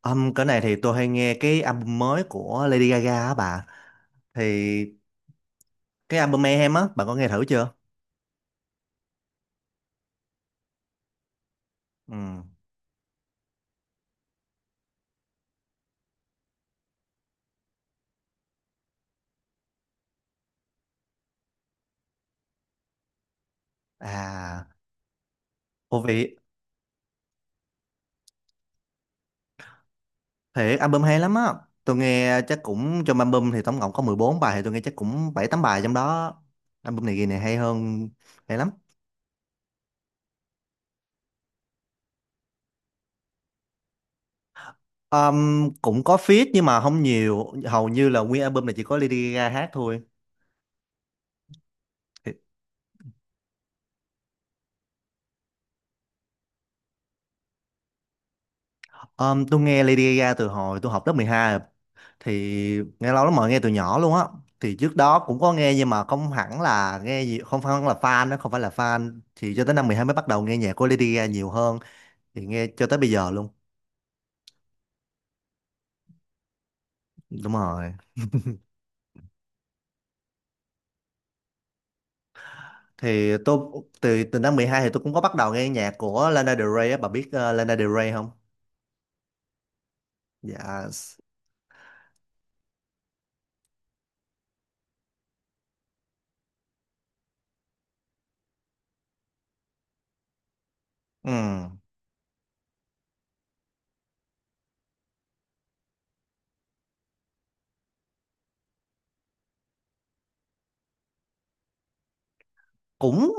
Cái này thì tôi hay nghe cái album mới của Lady Gaga á bà. Thì cái album Mayhem á, bà có nghe thử chưa? Ừ. À, ô vị thiệt album hay lắm á. Tôi nghe chắc cũng trong album thì tổng cộng có 14 bài, thì tôi nghe chắc cũng 7 8 bài trong đó. Album này kỳ này hay hơn, hay lắm. Cũng có feat nhưng mà không nhiều, hầu như là nguyên album này chỉ có Lady Gaga hát thôi. Tôi nghe Lady Gaga từ hồi tôi học lớp 12 rồi. Thì nghe lâu lắm rồi, nghe từ nhỏ luôn á. Thì trước đó cũng có nghe nhưng mà không hẳn là nghe gì, không phải là fan đó, không phải là fan. Thì cho tới năm 12 mới bắt đầu nghe nhạc của Lady Gaga nhiều hơn. Thì nghe cho tới bây giờ luôn. Đúng rồi. Thì tôi từ từ năm 12 thì tôi cũng có bắt đầu nghe nhạc của Lana Del Rey á, bà biết Lana Del Rey không? Dạ. Ừ. Cũng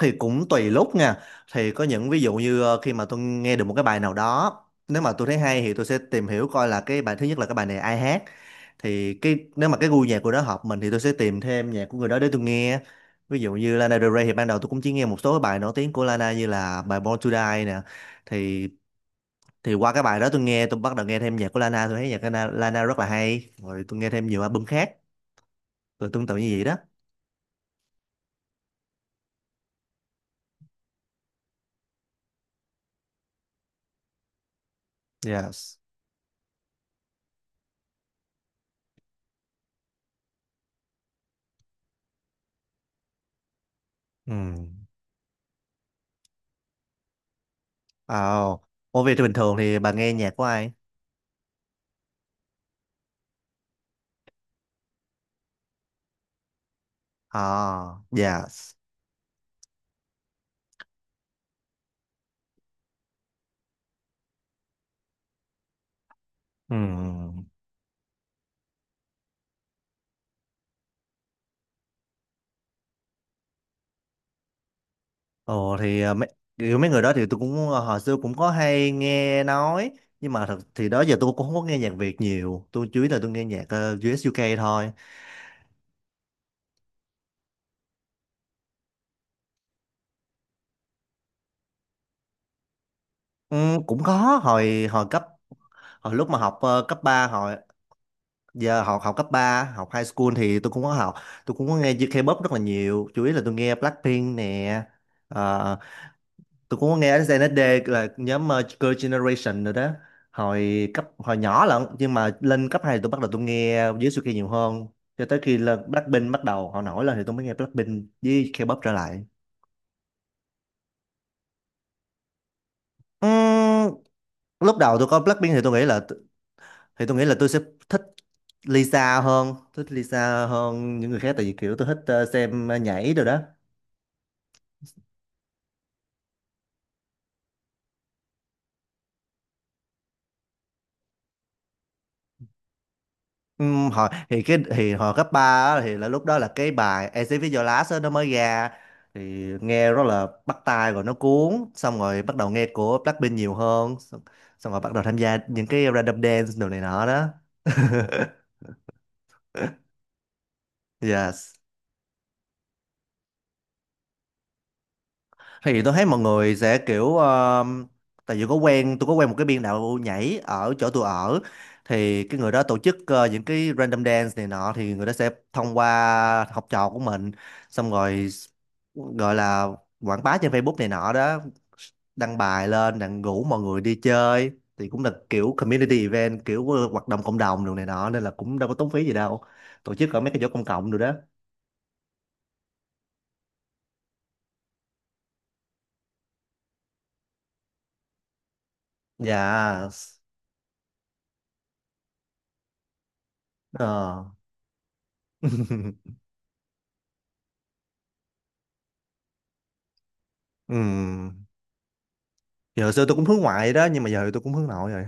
thì cũng tùy lúc nha, thì có những ví dụ như khi mà tôi nghe được một cái bài nào đó, nếu mà tôi thấy hay thì tôi sẽ tìm hiểu coi là cái bài thứ nhất là cái bài này ai hát, thì nếu mà cái gu nhạc của đó hợp mình thì tôi sẽ tìm thêm nhạc của người đó để tôi nghe. Ví dụ như Lana Del Rey thì ban đầu tôi cũng chỉ nghe một số cái bài nổi tiếng của Lana như là bài Born to Die nè. Thì thì qua cái bài đó tôi bắt đầu nghe thêm nhạc của Lana, tôi thấy nhạc của Lana rất là hay, rồi tôi nghe thêm nhiều album khác, rồi tương tự như vậy đó. Yes. Ừ. Oh. Ủa vậy thì bình thường thì bà nghe nhạc của ai? À. Dạ. Ừ. Ồ. Thì kiểu mấy người đó thì tôi cũng, hồi xưa cũng có hay nghe nói. Nhưng mà thật thì đó giờ tôi cũng không có nghe nhạc Việt nhiều, tôi chủ yếu là tôi nghe nhạc US UK thôi. Ừ, cũng có. Hồi hồi hồi lúc mà học cấp ba, hồi giờ học học cấp ba, học high school, thì tôi cũng có học. Tôi cũng có nghe K-pop rất là nhiều, chủ yếu là tôi nghe Blackpink nè. ờ, tôi cũng có nghe đến SNSD là nhóm Girl Generation rồi đó, hồi nhỏ lận. Nhưng mà lên cấp 2 tôi bắt đầu nghe dưới Suki nhiều hơn, cho tới khi là Blackpink bắt đầu họ nổi lên thì tôi mới nghe Blackpink với K-pop trở lại. Ừm, lúc đầu tôi coi Blackpink thì tôi nghĩ là, tôi sẽ thích thích Lisa hơn những người khác, tại vì kiểu tôi thích xem nhảy rồi đó. Hồi thì cái thì hồi cấp 3 á, thì là lúc đó là cái bài Exit with Your Last á, nó mới ra, thì nghe rất là bắt tai rồi nó cuốn, xong rồi bắt đầu nghe của Blackpink nhiều hơn. Xong xong rồi bắt đầu tham gia những cái random dance đồ này nọ đó. Yes. Thì tôi thấy mọi người sẽ kiểu tại vì có quen một cái biên đạo nhảy ở chỗ tôi ở, thì cái người đó tổ chức những cái random dance này nọ, thì người đó sẽ thông qua học trò của mình, xong rồi gọi là quảng bá trên Facebook này nọ đó, đăng bài lên đặng rủ mọi người đi chơi. Thì cũng là kiểu community event, kiểu hoạt động cộng đồng đồ này nọ nên là cũng đâu có tốn phí gì đâu, tổ chức ở mấy cái chỗ công cộng rồi đó. Dạ. Ờ. Ừ. Giờ hồi xưa tôi cũng hướng ngoại đó, nhưng mà giờ thì tôi cũng hướng nội rồi.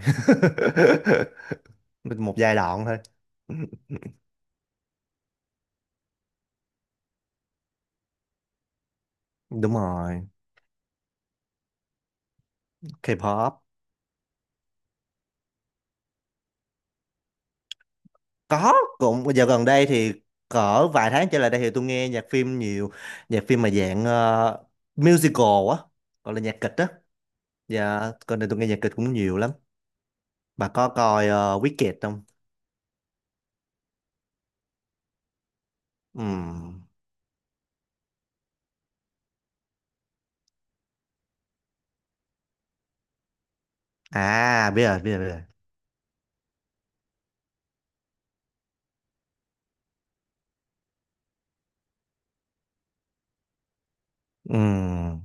Một giai đoạn thôi. Đúng rồi. K-pop. Có, cũng giờ gần đây thì cỡ vài tháng trở lại đây thì tôi nghe nhạc phim nhiều, nhạc phim mà dạng musical á, gọi là nhạc kịch á. Dạ, gần đây tôi nghe nhạc kịch cũng nhiều lắm. Bà có coi Wicked không? Ừm. À, biết rồi, biết rồi, biết rồi. Ừm.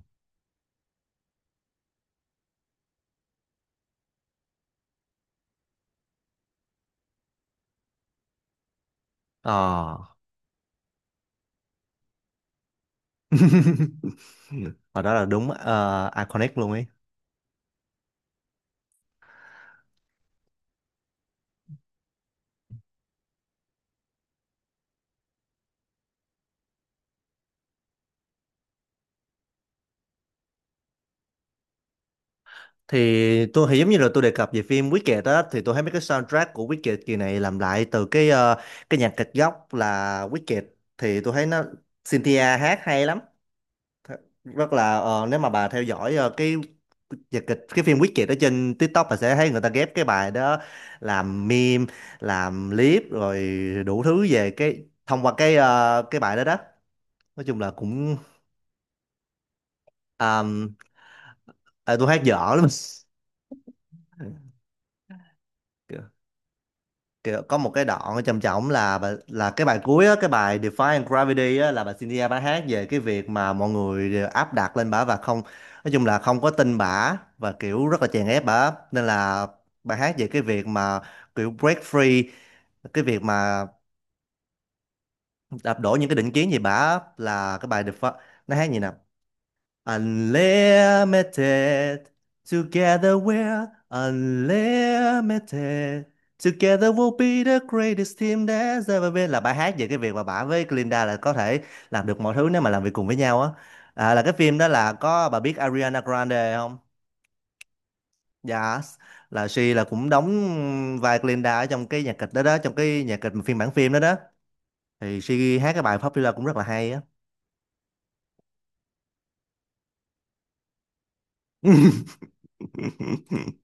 Ờ. Và đó là đúng iconic luôn. Thì tôi thì giống như là tôi đề cập về phim Wicked á, thì tôi thấy mấy cái soundtrack của Wicked kỳ này làm lại từ cái cái nhạc kịch gốc là Wicked. Thì tôi thấy nó Cynthia hát hay lắm. Th- Rất là nếu mà bà theo dõi cái nhạc kịch, cái phim Wicked ở trên TikTok, bà sẽ thấy người ta ghép cái bài đó làm meme, làm clip, rồi đủ thứ về cái thông qua cái cái bài đó đó, nói chung là cũng. um, tôi hát dở lắm. Kiểu có một cái đoạn trầm trọng là là cái bài cuối á, cái bài Defying Gravity á, là bà Cynthia bà hát về cái việc mà mọi người đều áp đặt lên bà và không, nói chung là không có tin bà và kiểu rất là chèn ép bà, nên là bà hát về cái việc mà kiểu break free, cái việc mà đạp đổ những cái định kiến gì, bà là cái bài Defy, nó hát gì nè. Unlimited. Together we're unlimited. Together we'll be the greatest team that's ever been, là bài hát về cái việc mà bà với Glinda là có thể làm được mọi thứ nếu mà làm việc cùng với nhau á. À, là cái phim đó là có, bà biết Ariana Grande không? Yes. Là she là cũng đóng vai Glinda ở trong cái nhạc kịch đó đó, trong cái nhạc kịch mà phiên bản phim đó đó. Thì she hát cái bài Popular cũng rất là hay á.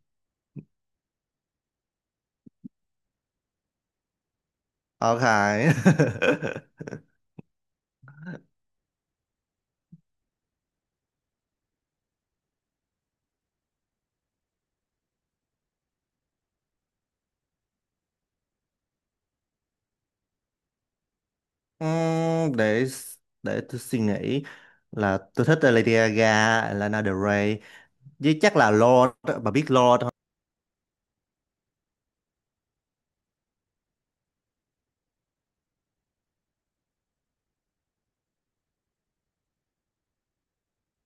Ok. Ừm, để để tôi suy nghĩ, là tôi thích là Lady Gaga, Lana Del Rey, với chắc là Lorde, bà biết Lorde không?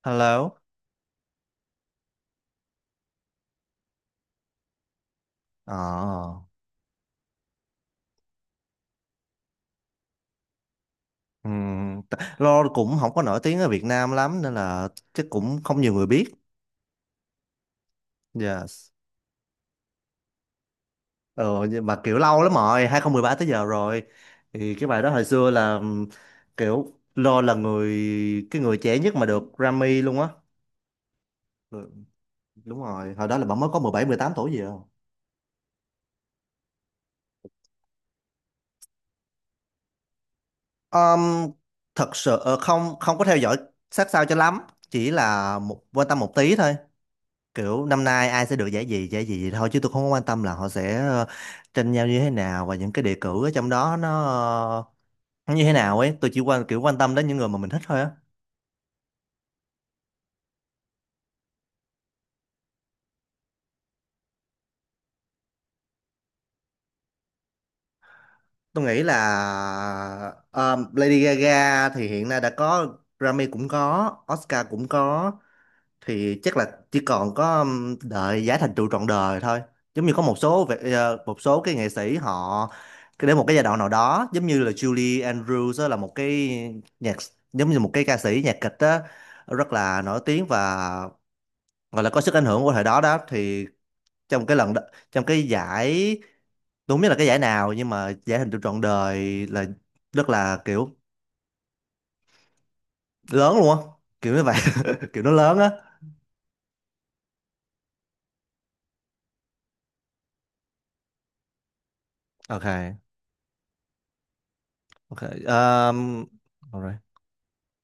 Hello. Ờ. Lorde cũng không có nổi tiếng ở Việt Nam lắm nên là chắc cũng không nhiều người biết. Yes. Ờ nhưng mà kiểu lâu lắm rồi, 2013 tới giờ rồi. Thì cái bài đó hồi xưa là kiểu Lorde là cái người trẻ nhất mà được Grammy luôn á. Ừ. Đúng rồi, hồi đó là bà mới có 17 18 tuổi gì à. Um, thật sự không không có theo dõi sát sao cho lắm, chỉ là một quan tâm một tí thôi. Kiểu năm nay ai sẽ được giải gì thôi, chứ tôi không có quan tâm là họ sẽ tranh nhau như thế nào và những cái đề cử ở trong đó nó như thế nào ấy, tôi chỉ kiểu quan tâm đến những người mà mình thích thôi á. Tôi nghĩ là Lady Gaga thì hiện nay đã có Grammy cũng có, Oscar cũng có, thì chắc là chỉ còn có đợi giá thành trụ trọn đời thôi, giống như có một số một số cái nghệ sĩ họ đến một cái giai đoạn nào đó, giống như là Julie Andrews á, là một cái nhạc giống như một cái ca sĩ nhạc kịch á, rất là nổi tiếng và gọi là có sức ảnh hưởng của thời đó đó, thì trong cái lần đ- trong cái giải, tôi không biết là cái giải nào nhưng mà giải thành trụ trọn đời là rất là kiểu lớn luôn á, kiểu như vậy. Kiểu nó lớn á. Ok. Ok.